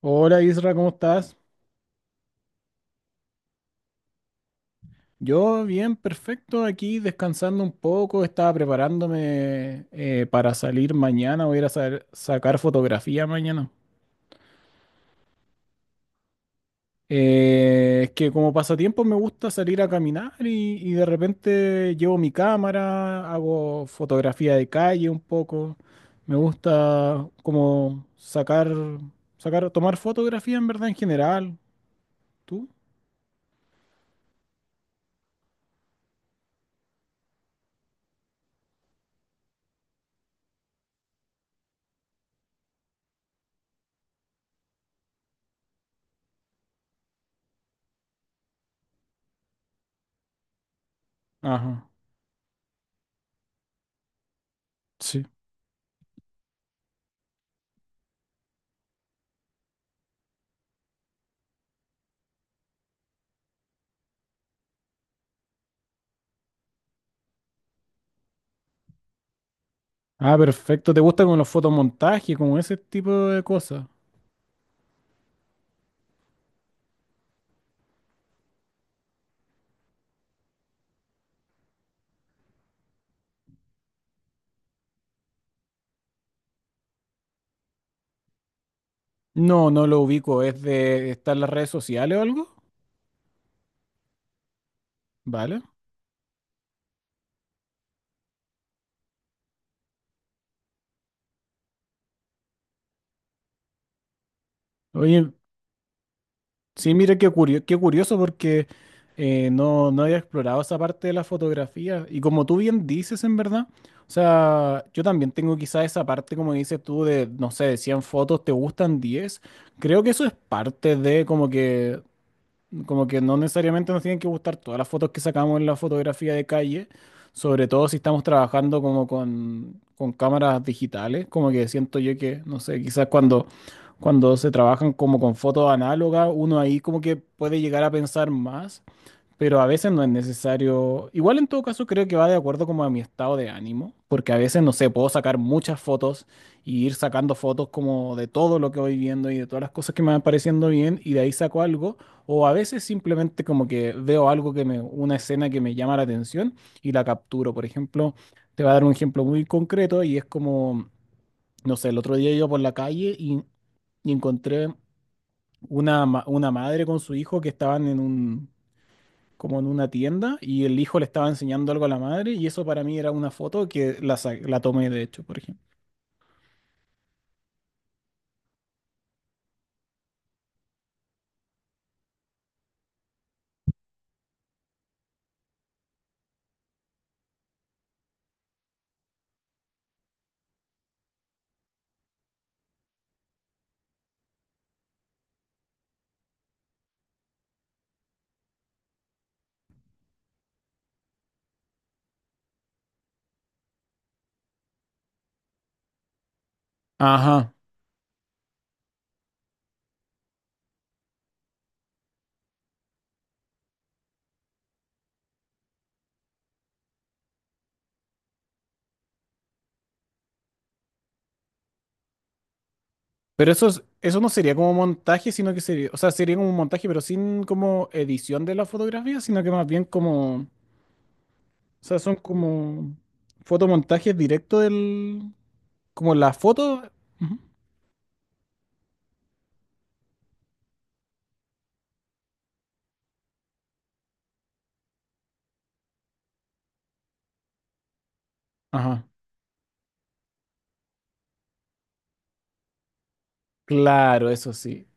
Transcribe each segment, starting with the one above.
Hola Isra, ¿cómo estás? Yo bien, perfecto, aquí descansando un poco, estaba preparándome para salir mañana. Voy a ir a sacar fotografía mañana. Es que como pasatiempo me gusta salir a caminar y de repente llevo mi cámara, hago fotografía de calle un poco. Me gusta como sacar, tomar fotografía en verdad en general. ¿Tú? Ajá. Sí. Ah, perfecto. ¿Te gusta como los fotomontajes, como ese tipo de cosas? No, no lo ubico. ¿Es de estar en las redes sociales o algo? Vale. Oye, sí, mira qué curioso, porque no, no había explorado esa parte de la fotografía. Y como tú bien dices, en verdad, o sea, yo también tengo quizás esa parte, como dices tú, de, no sé, de 100 fotos, te gustan 10. Creo que eso es parte de como que no necesariamente nos tienen que gustar todas las fotos que sacamos en la fotografía de calle, sobre todo si estamos trabajando como con cámaras digitales. Como que siento yo que, no sé, quizás cuando se trabajan como con fotos análogas, uno ahí como que puede llegar a pensar más, pero a veces no es necesario. Igual en todo caso creo que va de acuerdo como a mi estado de ánimo, porque a veces, no sé, puedo sacar muchas fotos y ir sacando fotos como de todo lo que voy viendo y de todas las cosas que me van pareciendo bien, y de ahí saco algo. O a veces simplemente como que veo algo que me, una escena que me llama la atención y la capturo. Por ejemplo, te voy a dar un ejemplo muy concreto y es como, no sé, el otro día iba por la calle y encontré una, una madre con su hijo que estaban en un, como en una tienda, y el hijo le estaba enseñando algo a la madre, y eso para mí era una foto que la, la tomé de hecho, por ejemplo. Ajá. Pero eso, eso no sería como montaje, sino que sería, o sea, sería como un montaje, pero sin como edición de la fotografía, sino que más bien como, o sea, son como fotomontajes directos del, como la foto. Ujú. Ajá. Claro, eso sí.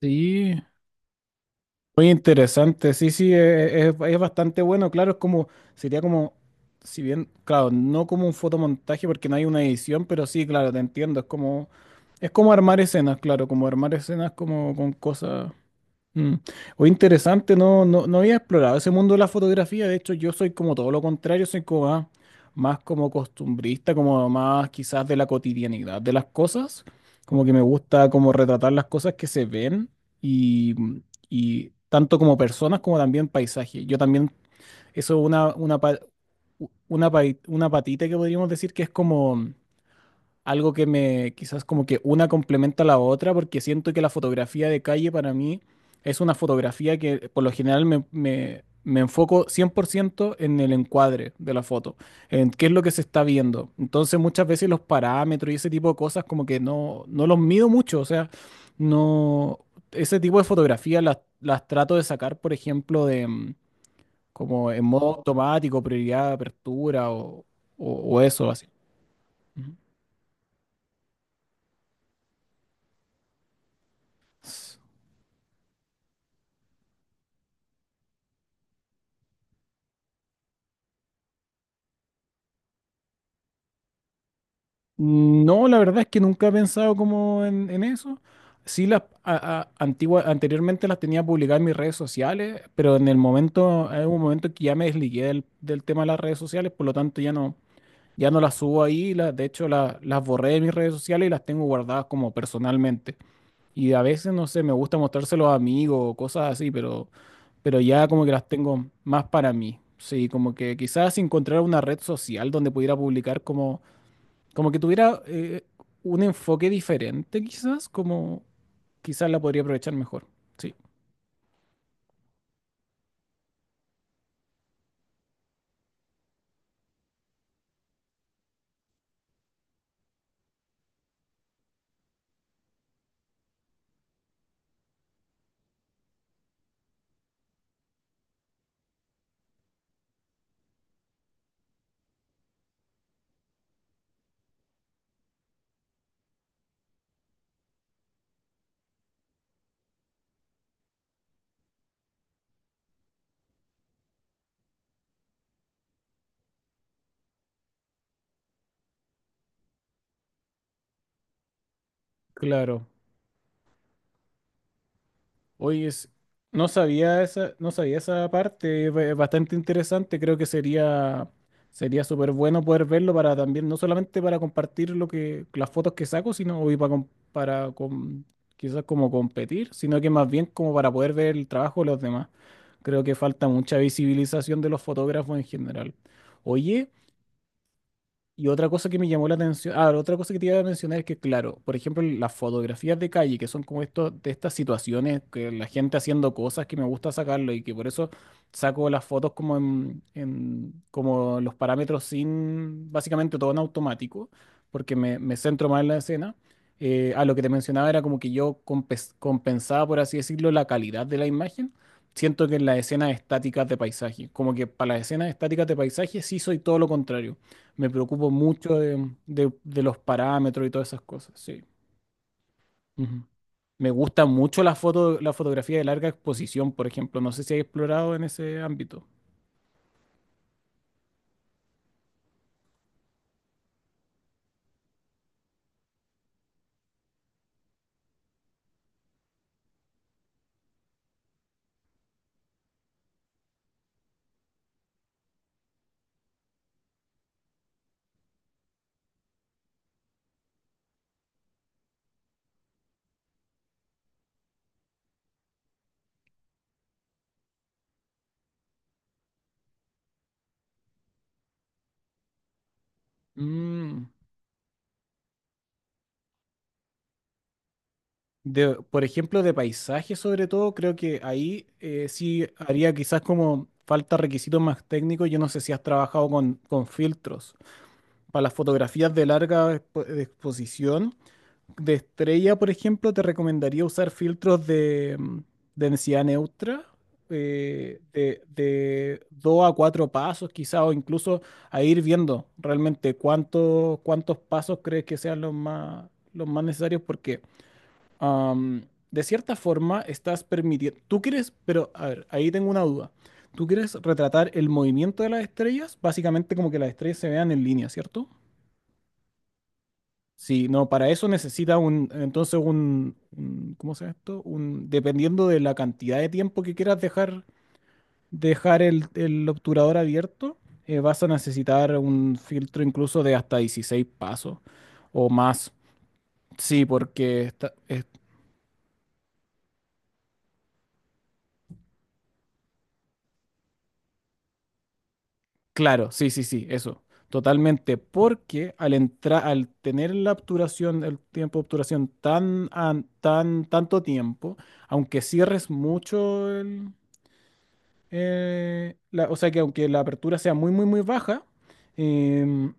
Sí. Muy interesante, sí, sí, es, bastante bueno, claro, es como, sería como, si bien, claro, no como un fotomontaje porque no hay una edición, pero sí, claro, te entiendo, es como armar escenas, claro, como armar escenas como con cosas. Mm. O interesante, no, no, no había explorado ese mundo de la fotografía. De hecho, yo soy como todo lo contrario, soy como más, más como costumbrista, como más quizás de la cotidianidad de las cosas. Como que me gusta como retratar las cosas que se ven y, y tanto como personas como también paisajes. Yo también, eso es una, pa- u- una, pai- una patita que podríamos decir que es como algo que me quizás como que una complementa a la otra, porque siento que la fotografía de calle para mí es una fotografía que por lo general me enfoco 100% en el encuadre de la foto, en qué es lo que se está viendo. Entonces muchas veces los parámetros y ese tipo de cosas como que no, no los mido mucho, o sea, no, ese tipo de fotografía las trato de sacar, por ejemplo, de como en modo automático, prioridad de apertura o, o eso así. Ujú. No, la verdad es que nunca he pensado como en eso. Sí, las anteriormente las tenía publicadas en mis redes sociales, pero en el momento, en un momento que ya me desligué del tema de las redes sociales, por lo tanto ya no, ya no las subo ahí. De hecho, las borré de mis redes sociales y las tengo guardadas como personalmente. Y a veces, no sé, me gusta mostrárselo a amigos o cosas así, pero, ya como que las tengo más para mí. Sí, como que quizás encontrar una red social donde pudiera publicar como que tuviera un enfoque diferente, quizás, como quizás la podría aprovechar mejor. Sí, claro. Oye, no sabía esa, no sabía esa parte, bastante interesante. Creo que sería súper bueno poder verlo para también, no solamente para compartir lo que, las fotos que saco, sino y quizás como competir, sino que más bien como para poder ver el trabajo de los demás. Creo que falta mucha visibilización de los fotógrafos en general. Oye, y otra cosa que me llamó la atención, ah, otra cosa que te iba a mencionar es que, claro, por ejemplo, las fotografías de calle, que son como esto, de estas situaciones, que la gente haciendo cosas que me gusta sacarlo y que por eso saco las fotos como como los parámetros sin, básicamente todo en automático, porque me centro más en la escena. A lo que te mencionaba era como que yo compensaba, por así decirlo, la calidad de la imagen. Siento que en las escenas estáticas de paisaje, como que para las escenas estáticas de paisaje sí soy todo lo contrario. Me preocupo mucho de, de los parámetros y todas esas cosas, sí. Ujú. Me gusta mucho la foto, la fotografía de larga exposición, por ejemplo. No sé si hay explorado en ese ámbito. Mm. De, por ejemplo, de paisajes sobre todo, creo que ahí sí haría quizás como falta requisitos más técnicos. Yo no sé si has trabajado con filtros. Para las fotografías de larga de exposición, de estrella, por ejemplo, te recomendaría usar filtros de densidad neutra, de 2 a 4 pasos quizá, o incluso a ir viendo realmente cuántos, cuántos pasos crees que sean los más necesarios, porque am, de cierta forma estás permitiendo, tú quieres, pero a ver, ahí tengo una duda. Tú quieres retratar el movimiento de las estrellas, básicamente como que las estrellas se vean en línea, ¿cierto? Sí, no, para eso necesita un, entonces un, ¿cómo se llama esto? Un, dependiendo de la cantidad de tiempo que quieras dejar, el obturador abierto, vas a necesitar un filtro incluso de hasta 16 pasos o más. Sí, porque está, claro, sí, sí, sí, eso, totalmente, porque al entrar, al tener la obturación, el tiempo de obturación tanto tiempo, aunque cierres mucho o sea que aunque la apertura sea muy, muy, muy baja, em,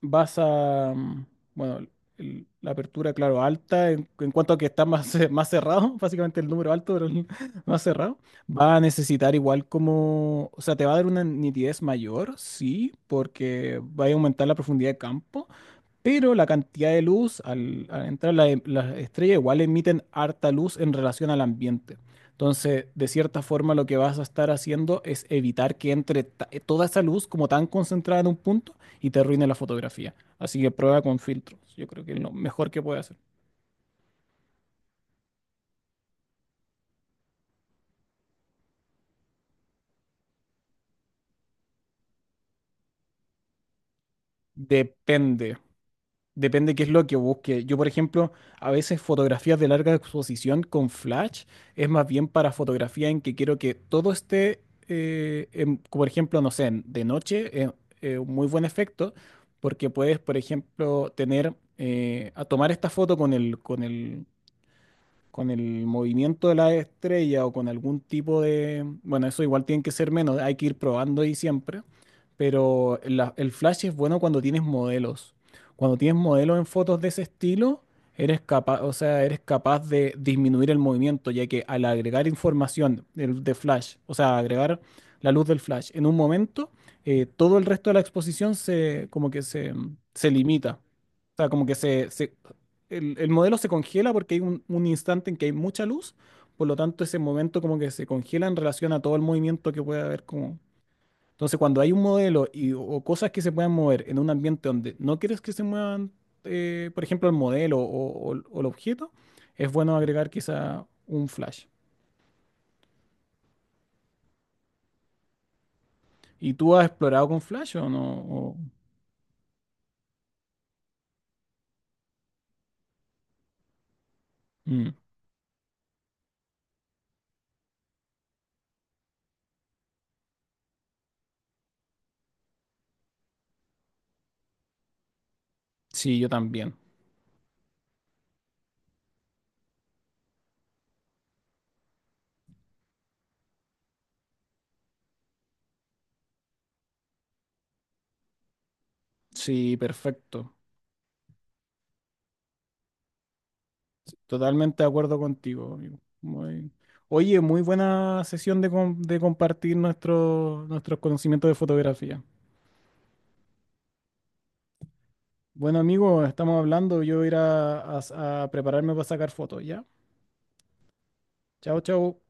vas a, bueno, la apertura, claro, alta, en cuanto a que está más, más cerrado, básicamente el número alto, pero el más cerrado, va a necesitar igual como, o sea, te va a dar una nitidez mayor, sí, porque va a aumentar la profundidad de campo. Pero la cantidad de luz, al entrar las estrellas, igual emiten harta luz en relación al ambiente. Entonces, de cierta forma, lo que vas a estar haciendo es evitar que entre toda esa luz como tan concentrada en un punto y te arruine la fotografía. Así que prueba con filtros. Yo creo que es lo mejor que puede hacer. Depende. Depende qué es lo que busque. Yo, por ejemplo, a veces fotografías de larga exposición con flash es más bien para fotografía en que quiero que todo esté, eh, en- por ejemplo, no sé, de noche, un muy buen efecto, porque puedes, por ejemplo, tener, a tomar esta foto con el, movimiento de la estrella o con algún tipo de... Bueno, eso igual tiene que ser menos, hay que ir probando ahí siempre, pero el flash es bueno cuando tienes modelos. Cuando tienes modelos en fotos de ese estilo, eres capaz, o sea, eres capaz de disminuir el movimiento, ya que al agregar información flash, o sea, agregar la luz del flash en un momento, todo el resto de la exposición se, como que se limita. O sea, como que se el modelo se congela porque hay un instante en que hay mucha luz, por lo tanto ese momento como que se congela en relación a todo el movimiento que puede haber como... Entonces cuando hay un modelo y, o cosas que se puedan mover en un ambiente donde no quieres que se muevan, por ejemplo, el modelo o, o el objeto, es bueno agregar quizá un flash. ¿Y tú has explorado con flash o no? Mm, sí, yo también. Sí, perfecto. Totalmente de acuerdo contigo, amigo. Muy... Oye, muy buena sesión de, de compartir nuestros conocimientos de fotografía. Bueno, amigo, estamos hablando. Yo voy a ir a, a prepararme para sacar fotos, ¿ya? Chao, chao.